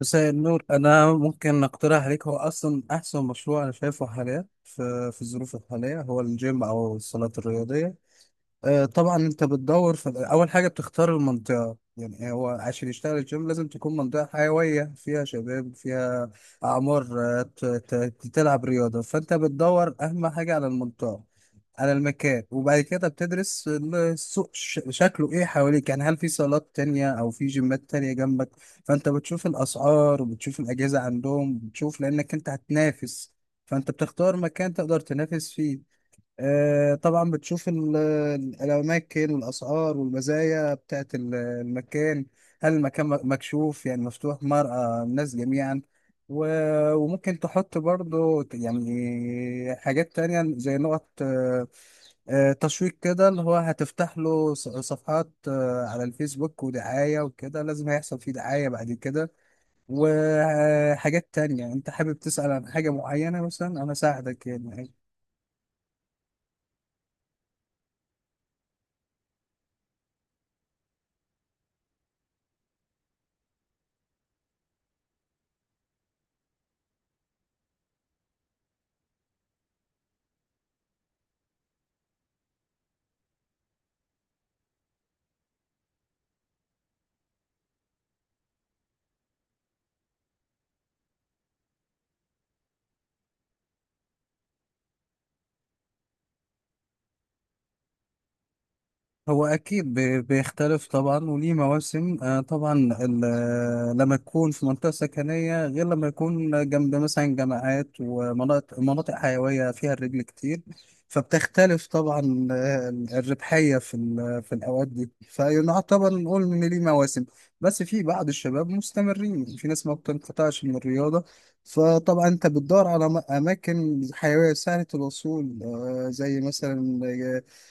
مساء النور. انا ممكن اقترح عليك، هو اصلا احسن مشروع انا شايفه حاليا في الظروف الحاليه هو الجيم او الصالات الرياضيه. طبعا انت بتدور في اول حاجه بتختار المنطقه، يعني هو عشان يشتغل الجيم لازم تكون منطقه حيويه فيها شباب، فيها اعمار تلعب رياضه، فانت بتدور اهم حاجه على المنطقه، على المكان. وبعد كده بتدرس السوق شكله ايه حواليك، يعني هل في صالات تانية او في جيمات تانية جنبك. فانت بتشوف الاسعار وبتشوف الاجهزه عندهم، بتشوف لانك انت هتنافس، فانت بتختار مكان تقدر تنافس فيه. طبعا بتشوف الأماكن والأسعار والمزايا بتاعت المكان. هل المكان مكشوف، يعني مفتوح مرأة الناس جميعا؟ وممكن تحط برضو يعني حاجات تانية زي نقط تشويق كده، اللي هو هتفتح له صفحات على الفيسبوك ودعاية وكده. لازم هيحصل فيه دعاية بعد كده وحاجات تانية. انت حابب تسأل عن حاجة معينة مثلا انا ساعدك يعني؟ هو أكيد بيختلف طبعا وليه مواسم. طبعا ال- لما تكون في منطقة سكنية غير لما يكون جنب مثلا جامعات ومناطق مناطق حيوية فيها الرجل كتير، فبتختلف طبعا. الربحية في في الأوقات دي، فيعتبر نقول إن ليه مواسم. بس في بعض الشباب مستمرين، في ناس ما بتنقطعش من الرياضة. فطبعا أنت بتدور على أماكن حيوية سهلة الوصول، زي مثلا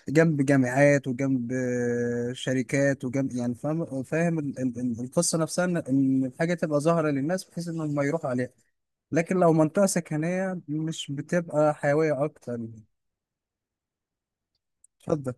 جنب جامعات وجنب شركات وجنب، يعني فاهم فاهم القصه نفسها، إن الحاجه تبقى ظاهره للناس بحيث انهم ما يروحوا عليها. لكن لو منطقه سكنيه مش بتبقى حيويه اكتر يعني. اتفضل.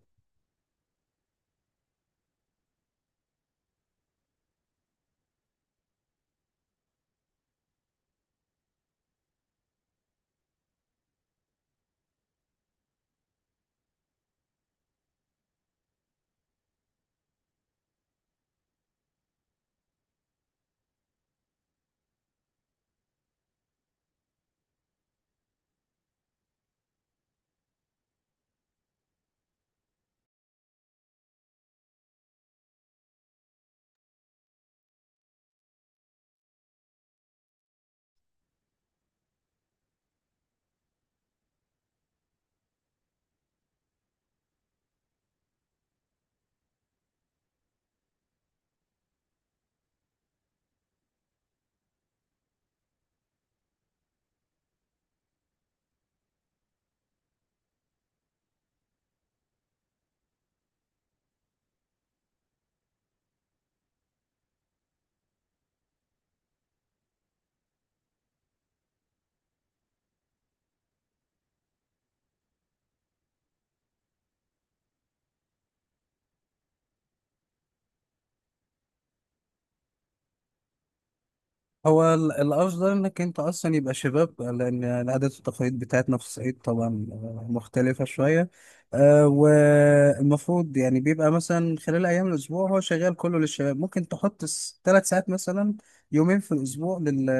هو الأفضل إنك أنت أصلا يبقى شباب، لأن العادات والتقاليد بتاعتنا في الصعيد طبعا مختلفة شوية. والمفروض يعني بيبقى مثلا خلال أيام الأسبوع هو شغال كله للشباب. ممكن تحط 3 ساعات مثلا، يومين في الأسبوع لل...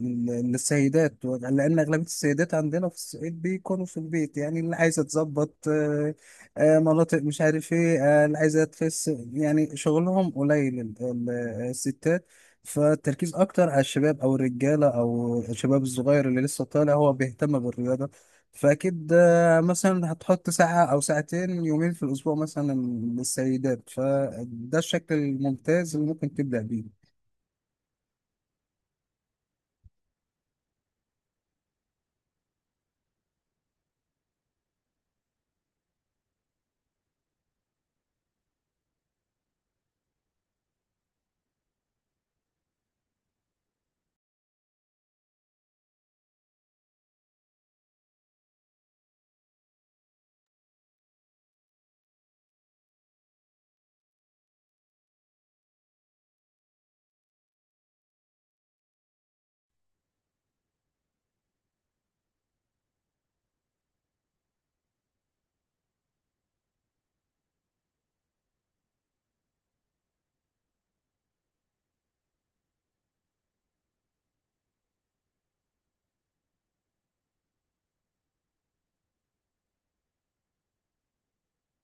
لل- للسيدات، لأن أغلبية السيدات عندنا في الصعيد بيكونوا في البيت، يعني اللي عايزة تظبط مناطق مش عارف إيه، اللي عايزة تخس، يعني شغلهم قليل الستات. فالتركيز اكتر على الشباب او الرجاله او الشباب الصغير اللي لسه طالع هو بيهتم بالرياضه. فاكيد مثلا هتحط ساعه او ساعتين، يومين في الاسبوع مثلا للسيدات. فده الشكل الممتاز اللي ممكن تبدا بيه.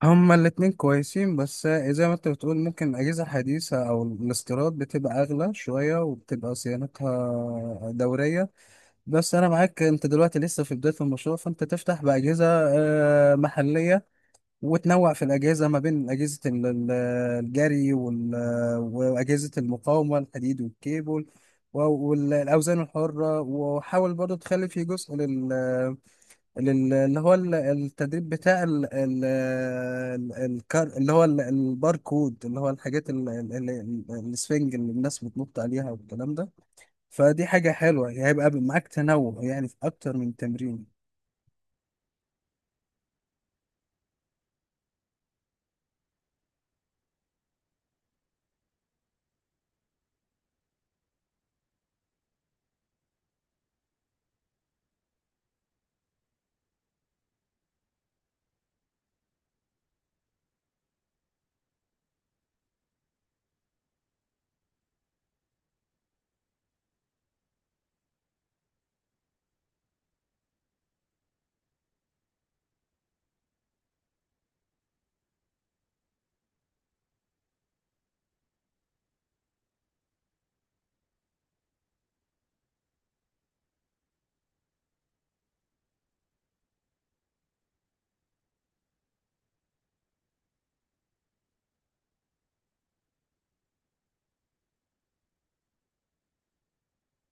هما الاتنين كويسين، بس زي ما انت بتقول ممكن اجهزه حديثه او الاستيراد بتبقى اغلى شويه وبتبقى صيانتها دوريه. بس انا معاك، انت دلوقتي لسه في بدايه المشروع، فانت تفتح باجهزه محليه، وتنوع في الأجهزة ما بين أجهزة الجري وأجهزة المقاومة، الحديد والكيبل و- والأوزان الحرة. وحاول برضه تخلي في جزء اللي هو التدريب بتاع اللي هو الباركود، اللي هو الحاجات السفنج اللي الناس بتنط عليها والكلام ده. فدي حاجة حلوة، يعني هيبقى معاك تنوع يعني في أكتر من تمرين.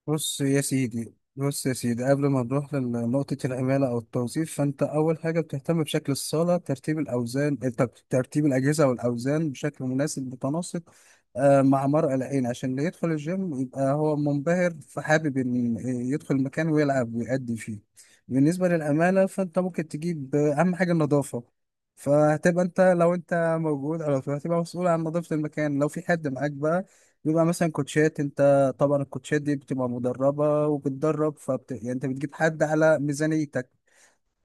بص يا سيدي، بص يا سيدي، قبل ما نروح لنقطة العمالة أو التوظيف، فأنت أول حاجة بتهتم بشكل الصالة، ترتيب الأوزان، ترتيب الأجهزة والأوزان بشكل مناسب متناسق مع مرء العين، عشان اللي يدخل الجيم يبقى هو منبهر، فحابب إن يدخل المكان ويلعب ويأدي فيه. بالنسبة للعمالة، فأنت ممكن تجيب أهم حاجة النظافة. فهتبقى أنت لو أنت موجود أو هتبقى مسؤول عن نظافة المكان. لو في حد معاك بقى، بيبقى مثلا كوتشات. انت طبعا الكوتشات دي بتبقى مدربة وبتدرب، يعني انت بتجيب حد على ميزانيتك،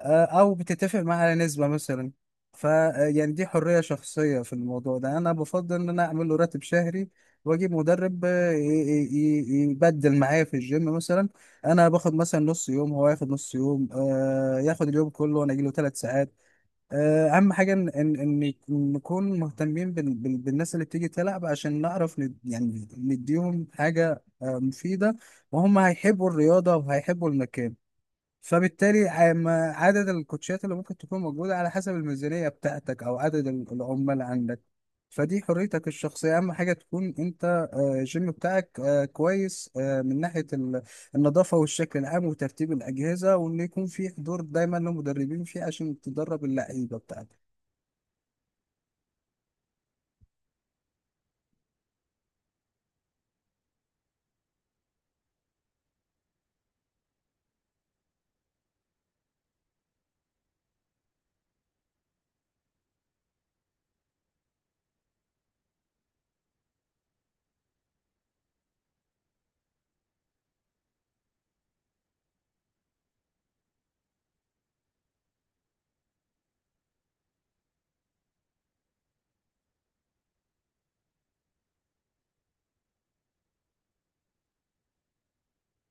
او بتتفق معاه على نسبة مثلا. ف يعني دي حرية شخصية في الموضوع ده. انا بفضل ان انا اعمل له راتب شهري واجيب مدرب يبدل معايا في الجيم، مثلا انا باخد مثلا نص يوم، هو ياخد نص يوم، ياخد اليوم كله وانا اجي له 3 ساعات. اهم حاجه ان ان إن نكون مهتمين بالناس اللي بتيجي تلعب، عشان نعرف يعني نديهم حاجه مفيده، وهم هيحبوا الرياضه وهيحبوا المكان. فبالتالي عدد الكوتشات اللي ممكن تكون موجودة على حسب الميزانية بتاعتك أو عدد العمال عندك. فدي حريتك الشخصية. أهم حاجة تكون أنت الجيم بتاعك كويس من ناحية النظافة والشكل العام وترتيب الأجهزة، وإن يكون في حضور دايما لمدربين فيه عشان تدرب اللعيبة بتاعتك.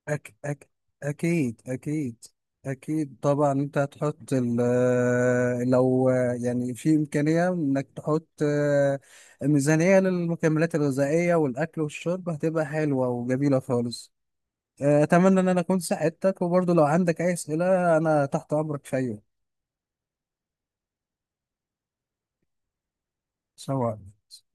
أك أك أكيد أكيد. أكيد طبعا، أنت هتحط لو يعني في إمكانية إنك تحط ميزانية للمكملات الغذائية والأكل والشرب هتبقى حلوة وجميلة خالص. أتمنى إن أنا أكون ساعدتك، وبرضه لو عندك أي أسئلة أنا تحت أمرك في أي وقت. سلام عليكم.